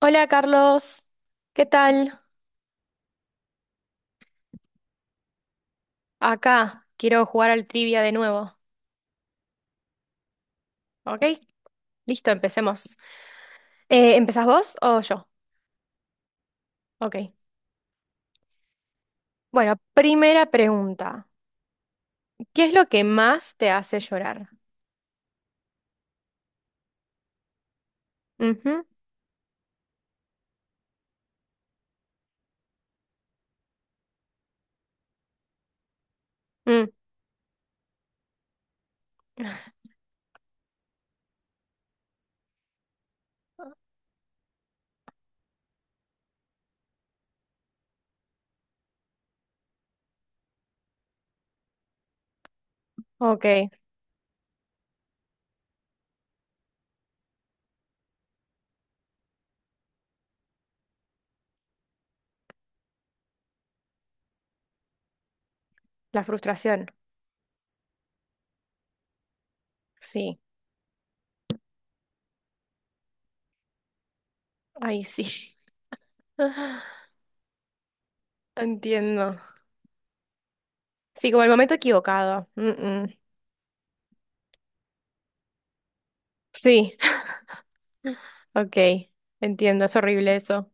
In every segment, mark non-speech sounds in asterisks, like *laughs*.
Hola Carlos, ¿qué tal? Acá quiero jugar al trivia de nuevo. ¿Ok? Listo, empecemos. ¿Empezás vos o yo? Ok. Bueno, primera pregunta. ¿Qué es lo que más te hace llorar? Ujú, mm, ok, la frustración. Sí, ahí sí. *laughs* Entiendo. Sí, como el momento equivocado. Mm, mm. Sí, *laughs* ok, entiendo, es horrible eso.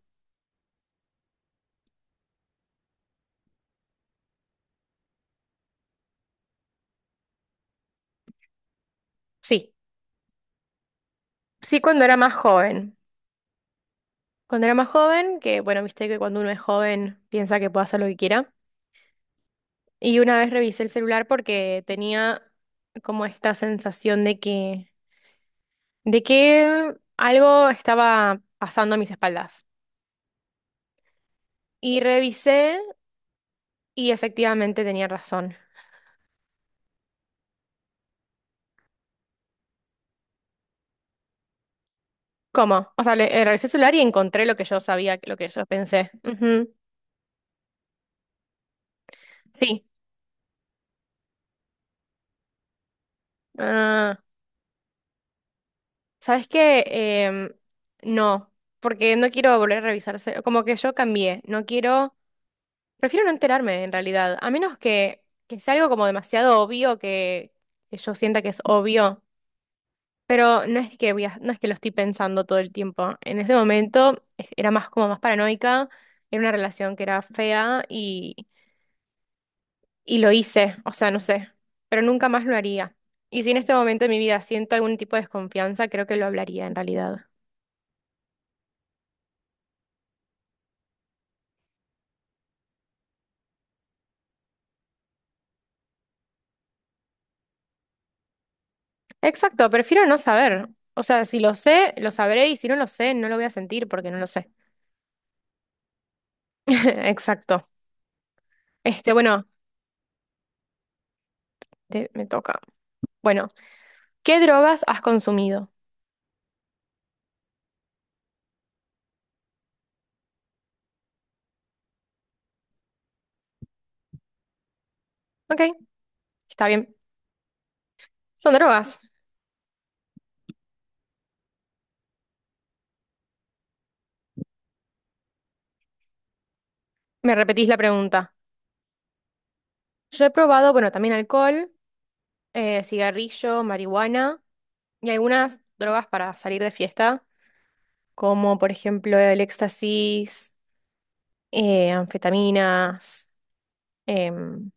Sí, sí, cuando era más joven. Cuando era más joven, que bueno, viste que cuando uno es joven piensa que puede hacer lo que quiera. Y una vez revisé el celular porque tenía como esta sensación de que, algo estaba pasando a mis espaldas. Y revisé y efectivamente tenía razón. ¿Cómo? O sea, revisé el celular y encontré lo que yo sabía, lo que yo pensé. Ujú. Sí. Ah, ¿sabes qué? No, porque no quiero volver a revisarse. Como que yo cambié. No quiero. Prefiero no enterarme, en realidad, a menos que, sea algo como demasiado obvio que yo sienta que es obvio. Pero no es que voy a- no es que lo estoy pensando todo el tiempo. En ese momento era más como más paranoica, era una relación que era fea y lo hice, o sea, no sé, pero nunca más lo haría. Y si en este momento de mi vida siento algún tipo de desconfianza, creo que lo hablaría en realidad. Exacto, prefiero no saber. O sea, si lo sé, lo sabré y si no lo sé, no lo voy a sentir porque no lo sé. *laughs* Exacto. Este, bueno. Me toca. Bueno, ¿qué drogas has consumido? Ok, está bien. Son drogas. ¿Me repetís la pregunta? Yo he probado, bueno, también alcohol, cigarrillo, marihuana y algunas drogas para salir de fiesta, como por ejemplo el éxtasis, anfetaminas, em,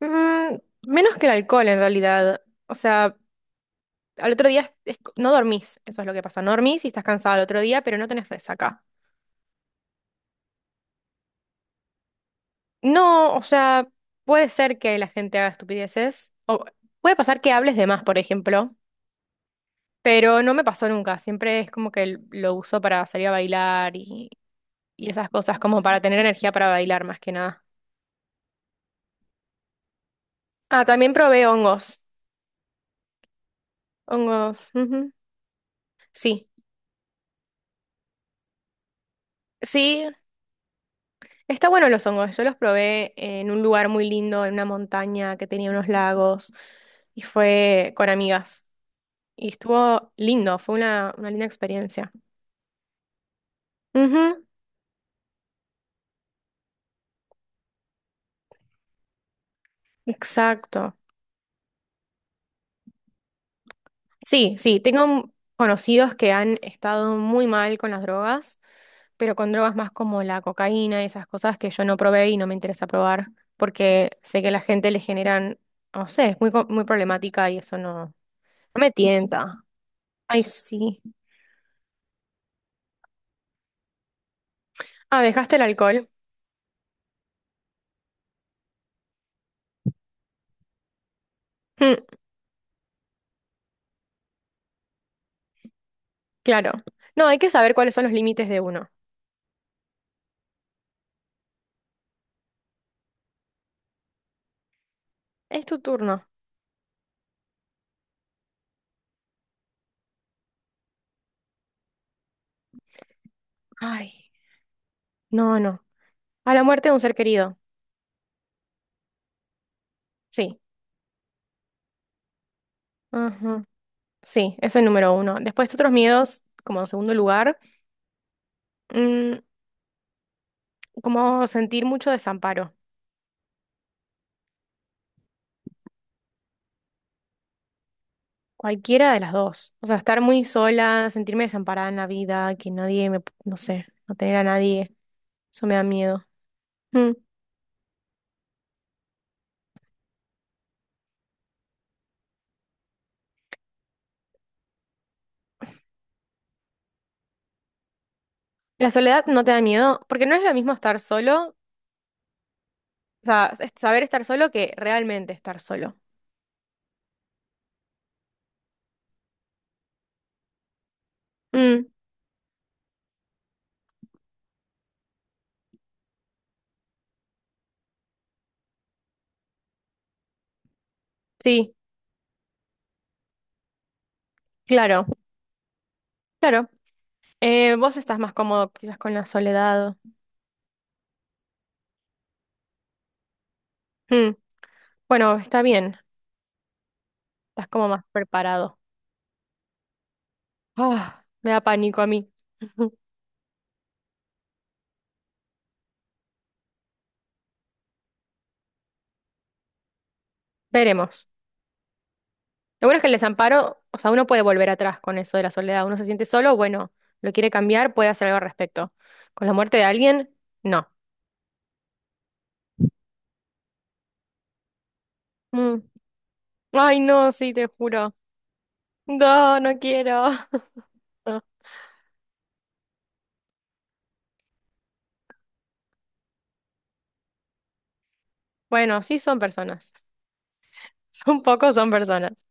mm, menos que el alcohol en realidad. O sea, al otro día no dormís, eso es lo que pasa. No dormís y estás cansado al otro día, pero no tenés resaca. No, o sea, puede ser que la gente haga estupideces. O puede pasar que hables de más, por ejemplo. Pero no me pasó nunca. Siempre es como que lo uso para salir a bailar y, esas cosas, como para tener energía para bailar más que nada. Ah, también probé hongos. Hongos. Ujú. Sí. Sí, está bueno los hongos. Yo los probé en un lugar muy lindo, en una montaña que tenía unos lagos. Y fue con amigas. Y estuvo lindo, fue una linda experiencia. Ujú. Exacto. Sí, sí, tengo conocidos que han estado muy mal con las drogas, pero con drogas más como la cocaína, esas cosas que yo no probé y no me interesa probar, porque sé que a la gente le generan, no sé, es muy, muy problemática y eso no, no me tienta. Ay, sí. Ah, dejaste el alcohol. Mm, claro. No, hay que saber cuáles son los límites de uno. Es tu turno. Ay, no, no. A la muerte de un ser querido. Sí. Sí, eso es el número uno. Después otros miedos, como en segundo lugar, mm, como sentir mucho desamparo, cualquiera de las dos. O sea, estar muy sola, sentirme desamparada en la vida, que nadie me, no sé, no tener a nadie, eso me da miedo. Mm. La soledad no te da miedo, porque no es lo mismo estar solo, o sea, es saber estar solo que realmente estar solo. Mm, sí, claro, claro. Vos estás más cómodo quizás con la soledad. Mm, bueno, está bien, estás como más preparado. Ah, me da pánico a mí. *laughs* Veremos. Lo bueno es que el desamparo, o sea, uno puede volver atrás con eso de la soledad. Uno se siente solo, bueno, lo quiere cambiar, puede hacer algo al respecto. Con la muerte de alguien, no. Mm. Ay, no, sí, te juro. No, no quiero. *laughs* Bueno, sí son personas. *laughs* Son pocos, son personas.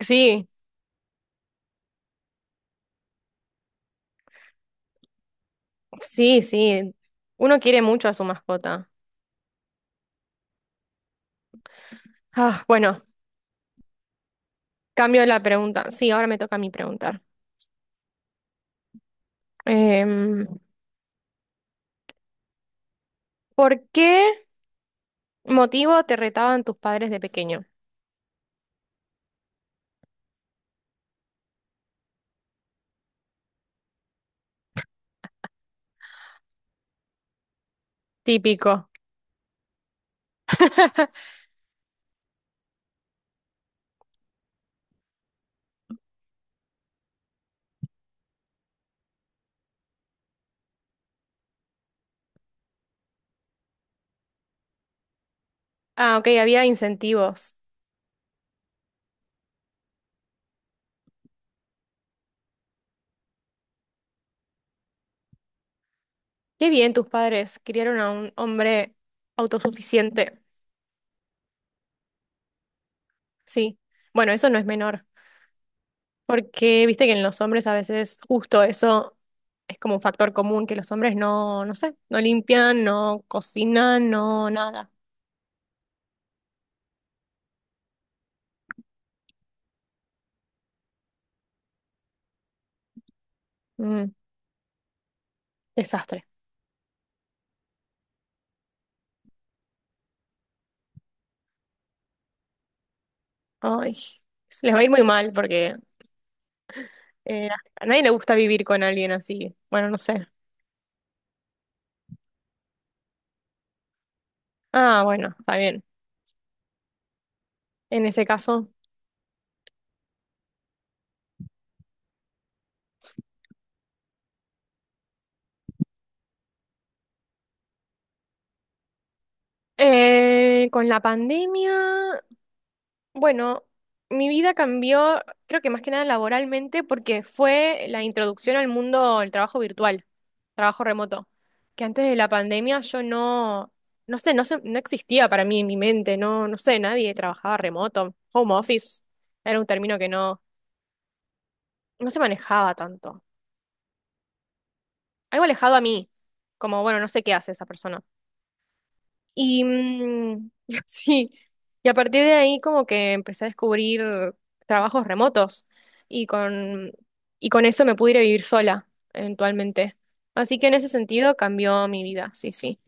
Sí, sí, sí. Uno quiere mucho a su mascota. Ah, bueno, cambio la pregunta. Sí, ahora me toca a mí preguntar. Em, ¿Por qué? Motivo, te retaban tus padres de pequeño. Típico. *laughs* Ah, ok, había incentivos. Qué bien, tus padres criaron a un hombre autosuficiente. Sí. Bueno, eso no es menor, porque viste que en los hombres a veces justo eso es como un factor común, que los hombres no, no sé, no limpian, no cocinan, no nada. Mm, desastre. Ay, les va a ir muy mal porque eh, a nadie le gusta vivir con alguien así. Bueno, no sé. Ah, bueno, está bien. En ese caso. Con la pandemia, bueno, mi vida cambió, creo que más que nada laboralmente, porque fue la introducción al mundo del trabajo virtual, trabajo remoto, que antes de la pandemia yo no, no sé, no existía para mí en mi mente, no, no sé, nadie trabajaba remoto, home office, era un término que no, no se manejaba tanto, algo alejado a mí, como, bueno, no sé qué hace esa persona. Y *laughs* sí, y a partir de ahí como que empecé a descubrir trabajos remotos y con, y con, eso me pude ir a vivir sola eventualmente. Así que en ese sentido cambió mi vida, sí, sí.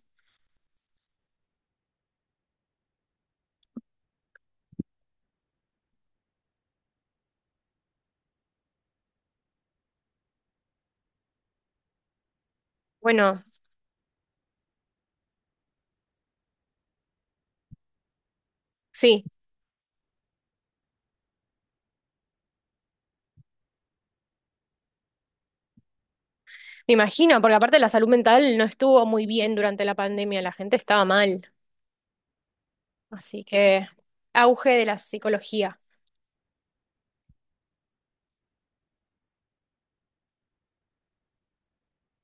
Bueno, sí, me imagino, porque aparte la salud mental no estuvo muy bien durante la pandemia, la gente estaba mal. Así que auge de la psicología.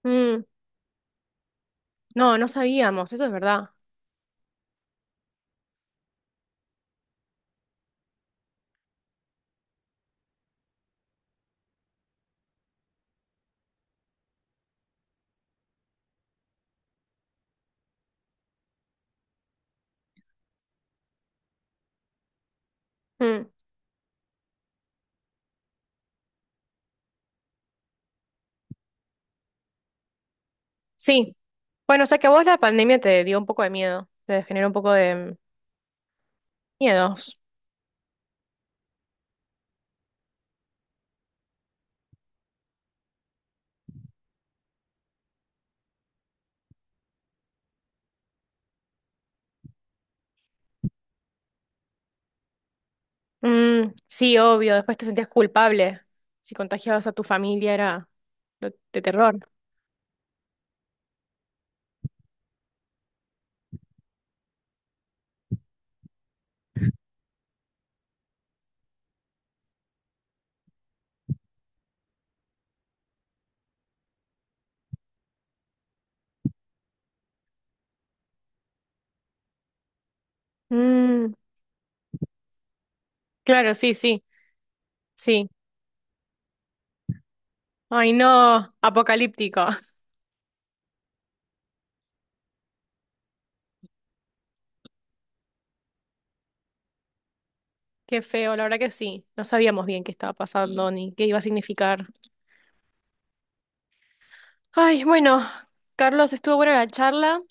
Mm, no, no sabíamos, eso es verdad. Mm. Sí. Bueno, o sea que a vos la pandemia te dio un poco de miedo, te generó un poco de miedos. Mm, sí, obvio, después te sentías culpable. Si contagiabas a tu familia era de terror. Mm, claro, sí, sí, sí. Ay, no, apocalíptico. *laughs* Qué feo, la verdad que sí. No sabíamos bien qué estaba pasando ni qué iba a significar. Ay, bueno, Carlos, estuvo buena la charla.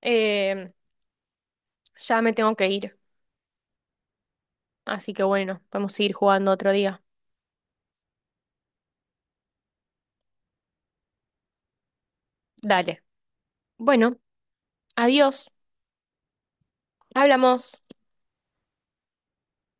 Eh, ya me tengo que ir. Así que bueno, podemos seguir jugando otro día. Dale. Bueno. Adiós, hablamos.